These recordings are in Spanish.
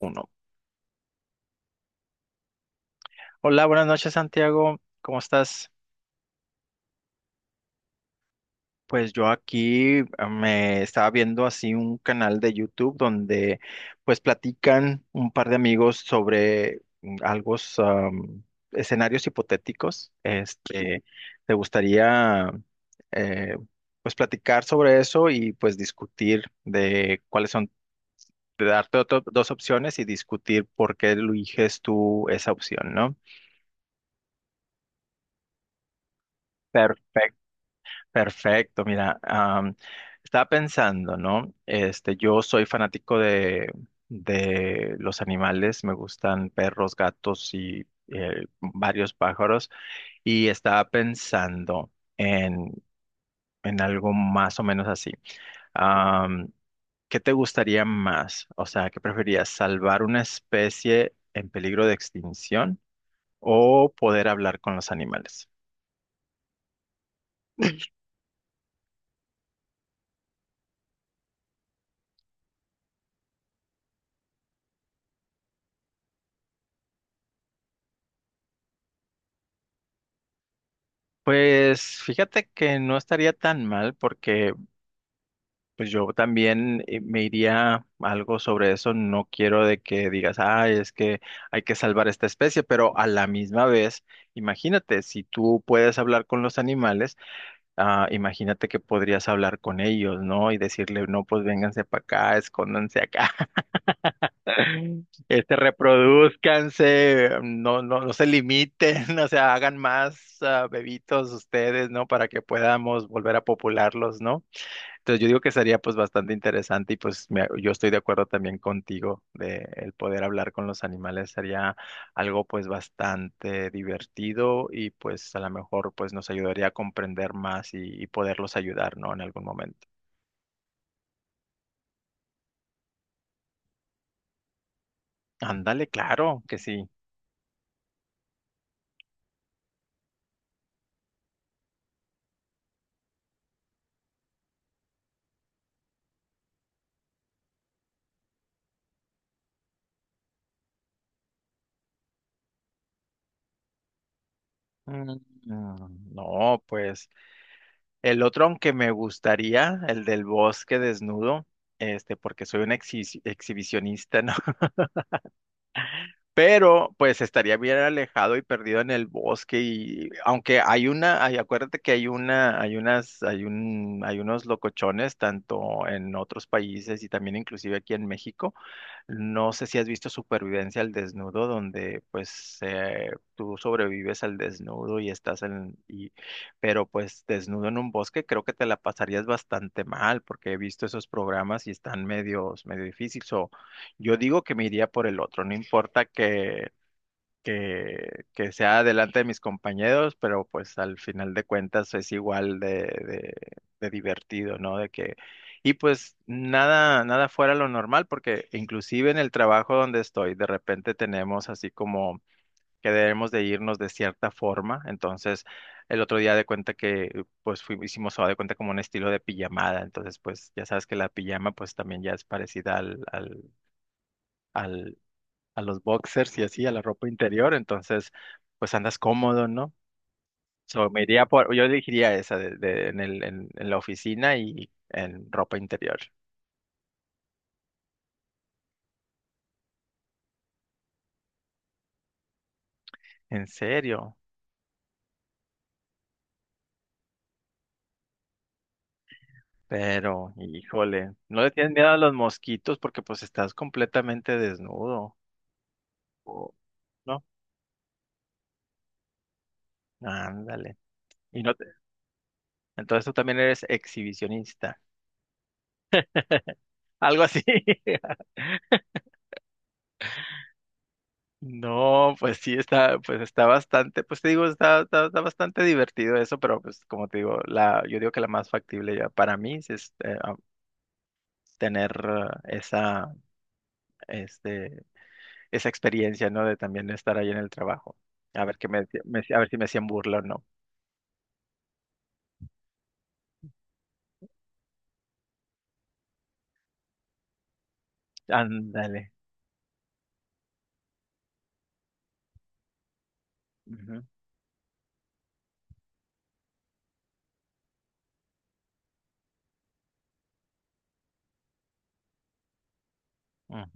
Uno. Hola, buenas noches, Santiago. ¿Cómo estás? Pues yo aquí me estaba viendo así un canal de YouTube donde pues platican un par de amigos sobre algo, escenarios hipotéticos. Este, ¿te gustaría eh, pues platicar sobre eso y pues discutir de cuáles son, de darte dos opciones y discutir por qué eliges tú esa opción, ¿no? Perfecto. Perfecto, mira, estaba pensando, ¿no? Este, yo soy fanático de los animales, me gustan perros, gatos y varios pájaros, y estaba pensando en, en algo más o menos así. Am, ¿Qué te gustaría más? O sea, ¿qué preferías: salvar una especie en peligro de extinción o poder hablar con los animales? Pues fíjate que no estaría tan mal porque pues yo también me iría algo sobre eso. No quiero de que digas, ah, es que hay que salvar esta especie, pero a la misma vez, imagínate, si tú puedes hablar con los animales, ah, imagínate que podrías hablar con ellos, ¿no? Y decirle, no, pues vénganse para acá, escóndanse acá, este, reproduzcanse, no, no, no se limiten, o sea, hagan más bebitos ustedes, ¿no? Para que podamos volver a popularlos, ¿no? Entonces yo digo que sería pues bastante interesante y pues yo estoy de acuerdo también contigo de el poder hablar con los animales sería algo pues bastante divertido y pues a lo mejor pues nos ayudaría a comprender más y poderlos ayudar, ¿no? En algún momento. Ándale, claro que sí. Mm, No, pues el otro aunque me gustaría, el del bosque desnudo, este, porque soy un exhibicionista ¿no? Pero pues estaría bien alejado y perdido en el bosque y aunque acuérdate que hay una, hay unas, hay un, hay unos locochones tanto en otros países y también inclusive aquí en México. No sé si has visto Supervivencia al desnudo, donde pues tú sobrevives al desnudo y estás en, y, pero pues desnudo en un bosque, creo que te la pasarías bastante mal, porque he visto esos programas y están medio difíciles. O yo digo que me iría por el otro, no importa que sea delante de mis compañeros, pero pues al final de cuentas es igual de divertido, ¿no? De que, y pues nada, nada fuera lo normal, porque inclusive en el trabajo donde estoy, de repente tenemos así como que debemos de irnos de cierta forma, entonces el otro día de cuenta que pues hicimos o de cuenta como un estilo de pijamada, entonces pues ya sabes que la pijama pues también ya es parecida al, a los boxers y así, a la ropa interior, entonces pues andas cómodo, ¿no? So, me iría por, yo elegiría esa en la oficina y en ropa interior. En serio, pero híjole, ¿no le tienes miedo a los mosquitos porque pues estás completamente desnudo? o- ¿No? Ándale. Y no te- entonces tú también eres exhibicionista. Algo así. No, pues sí, pues está bastante, pues te digo, está bastante divertido eso, pero pues como te digo, yo digo que la más factible ya para mí sí es tener este, esa experiencia, ¿no? De también estar ahí en el trabajo. A ver qué a ver si me hacían burla o no. Ándale. Ujú, ujú.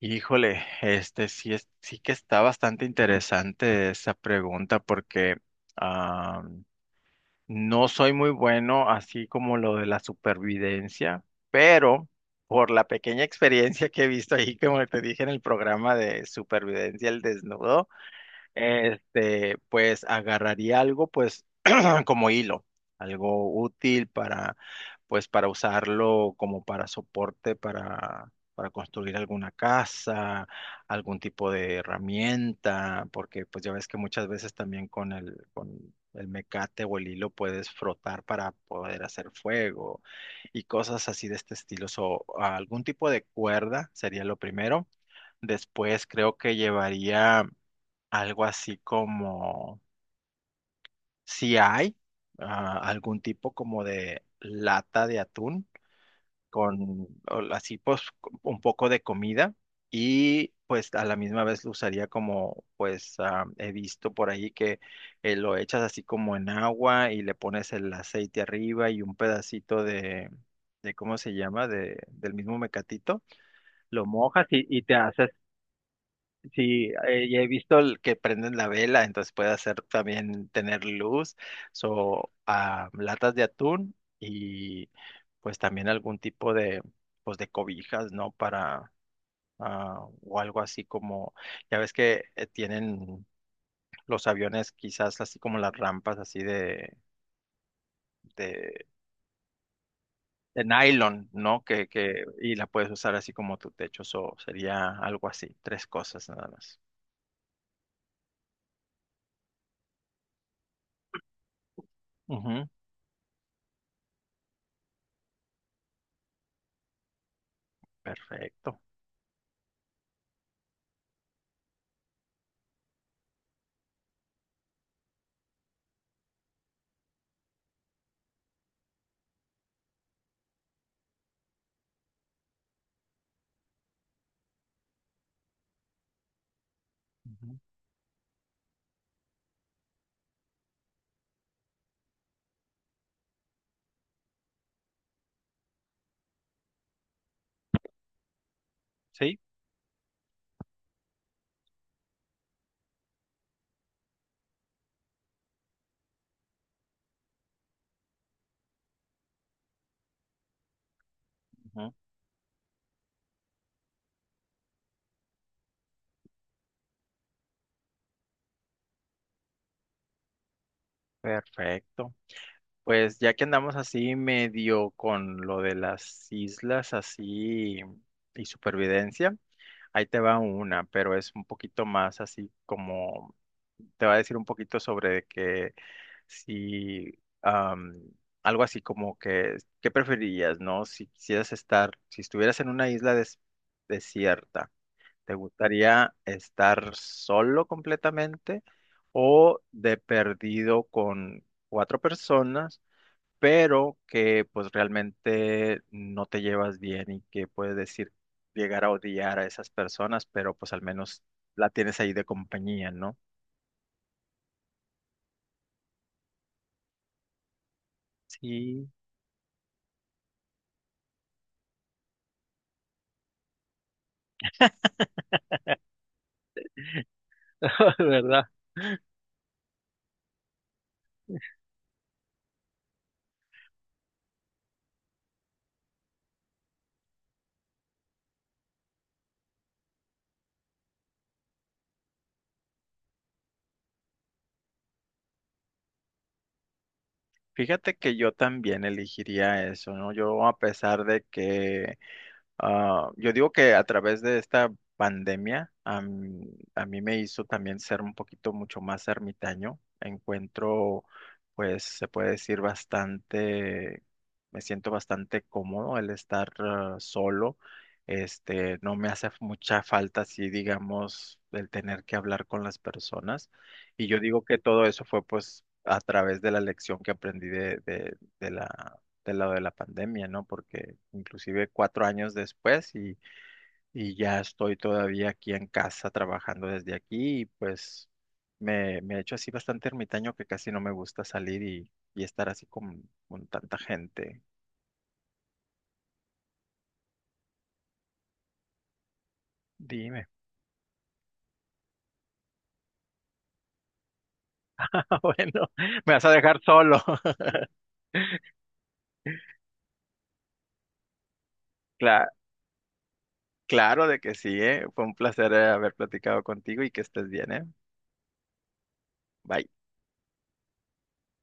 Híjole, este sí que está bastante interesante esa pregunta porque no soy muy bueno así como lo de la supervivencia, pero por la pequeña experiencia que he visto ahí, como te dije en el programa de supervivencia al desnudo, este, pues agarraría algo, pues como hilo, algo útil pues, para usarlo como para soporte, para construir alguna casa, algún tipo de herramienta, porque pues ya ves que muchas veces también con el mecate o el hilo puedes frotar para poder hacer fuego y cosas así de este estilo. O algún tipo de cuerda sería lo primero. Después creo que llevaría algo así como si hay algún tipo como de lata de atún con o así pues un poco de comida, y pues a la misma vez lo usaría como pues he visto por ahí que lo echas así como en agua y le pones el aceite arriba y un pedacito de ¿cómo se llama? Del mismo mecatito, lo mojas y te haces. Sí, ya he visto el que prenden la vela, entonces puede hacer también tener luz o latas de atún y pues también algún tipo de pues de cobijas, ¿no? Para o algo así como ya ves que tienen los aviones quizás así como las rampas así de, de nylon, ¿no? Que y la puedes usar así como tu techo, so, sería algo así, tres cosas nada más. Ujú, perfecto. Ujú. Sí. Ujú. Perfecto. Pues ya que andamos así medio con lo de las islas así y supervivencia, ahí te va una, pero es un poquito más así como, te va a decir un poquito sobre que si, algo así como que, ¿qué preferirías, no? Si quisieras estar, si estuvieras en una isla desierta. ¿Te gustaría estar solo completamente o de perdido con cuatro personas, pero que pues realmente no te llevas bien y que puedes decir llegar a odiar a esas personas, pero pues al menos la tienes ahí de compañía, ¿no? Sí, fíjate que yo también elegiría eso, ¿no? Yo a pesar de que, yo digo que a través de esta pandemia, a mí me hizo también ser un poquito mucho más ermitaño. Encuentro, pues se puede decir bastante, me siento bastante cómodo el estar solo. Este, no me hace mucha falta, así digamos, el tener que hablar con las personas. Y yo digo que todo eso fue pues a través de la lección que aprendí del lado de la pandemia, ¿no? Porque inclusive 4 años después y ya estoy todavía aquí en casa trabajando desde aquí, y pues me he hecho así bastante ermitaño que casi no me gusta salir y estar así con tanta gente. Dime. Ah, bueno, me vas a dejar solo. Cla- claro de que sí, ¿eh? Fue un placer haber platicado contigo y que estés bien, ¿eh? Bye.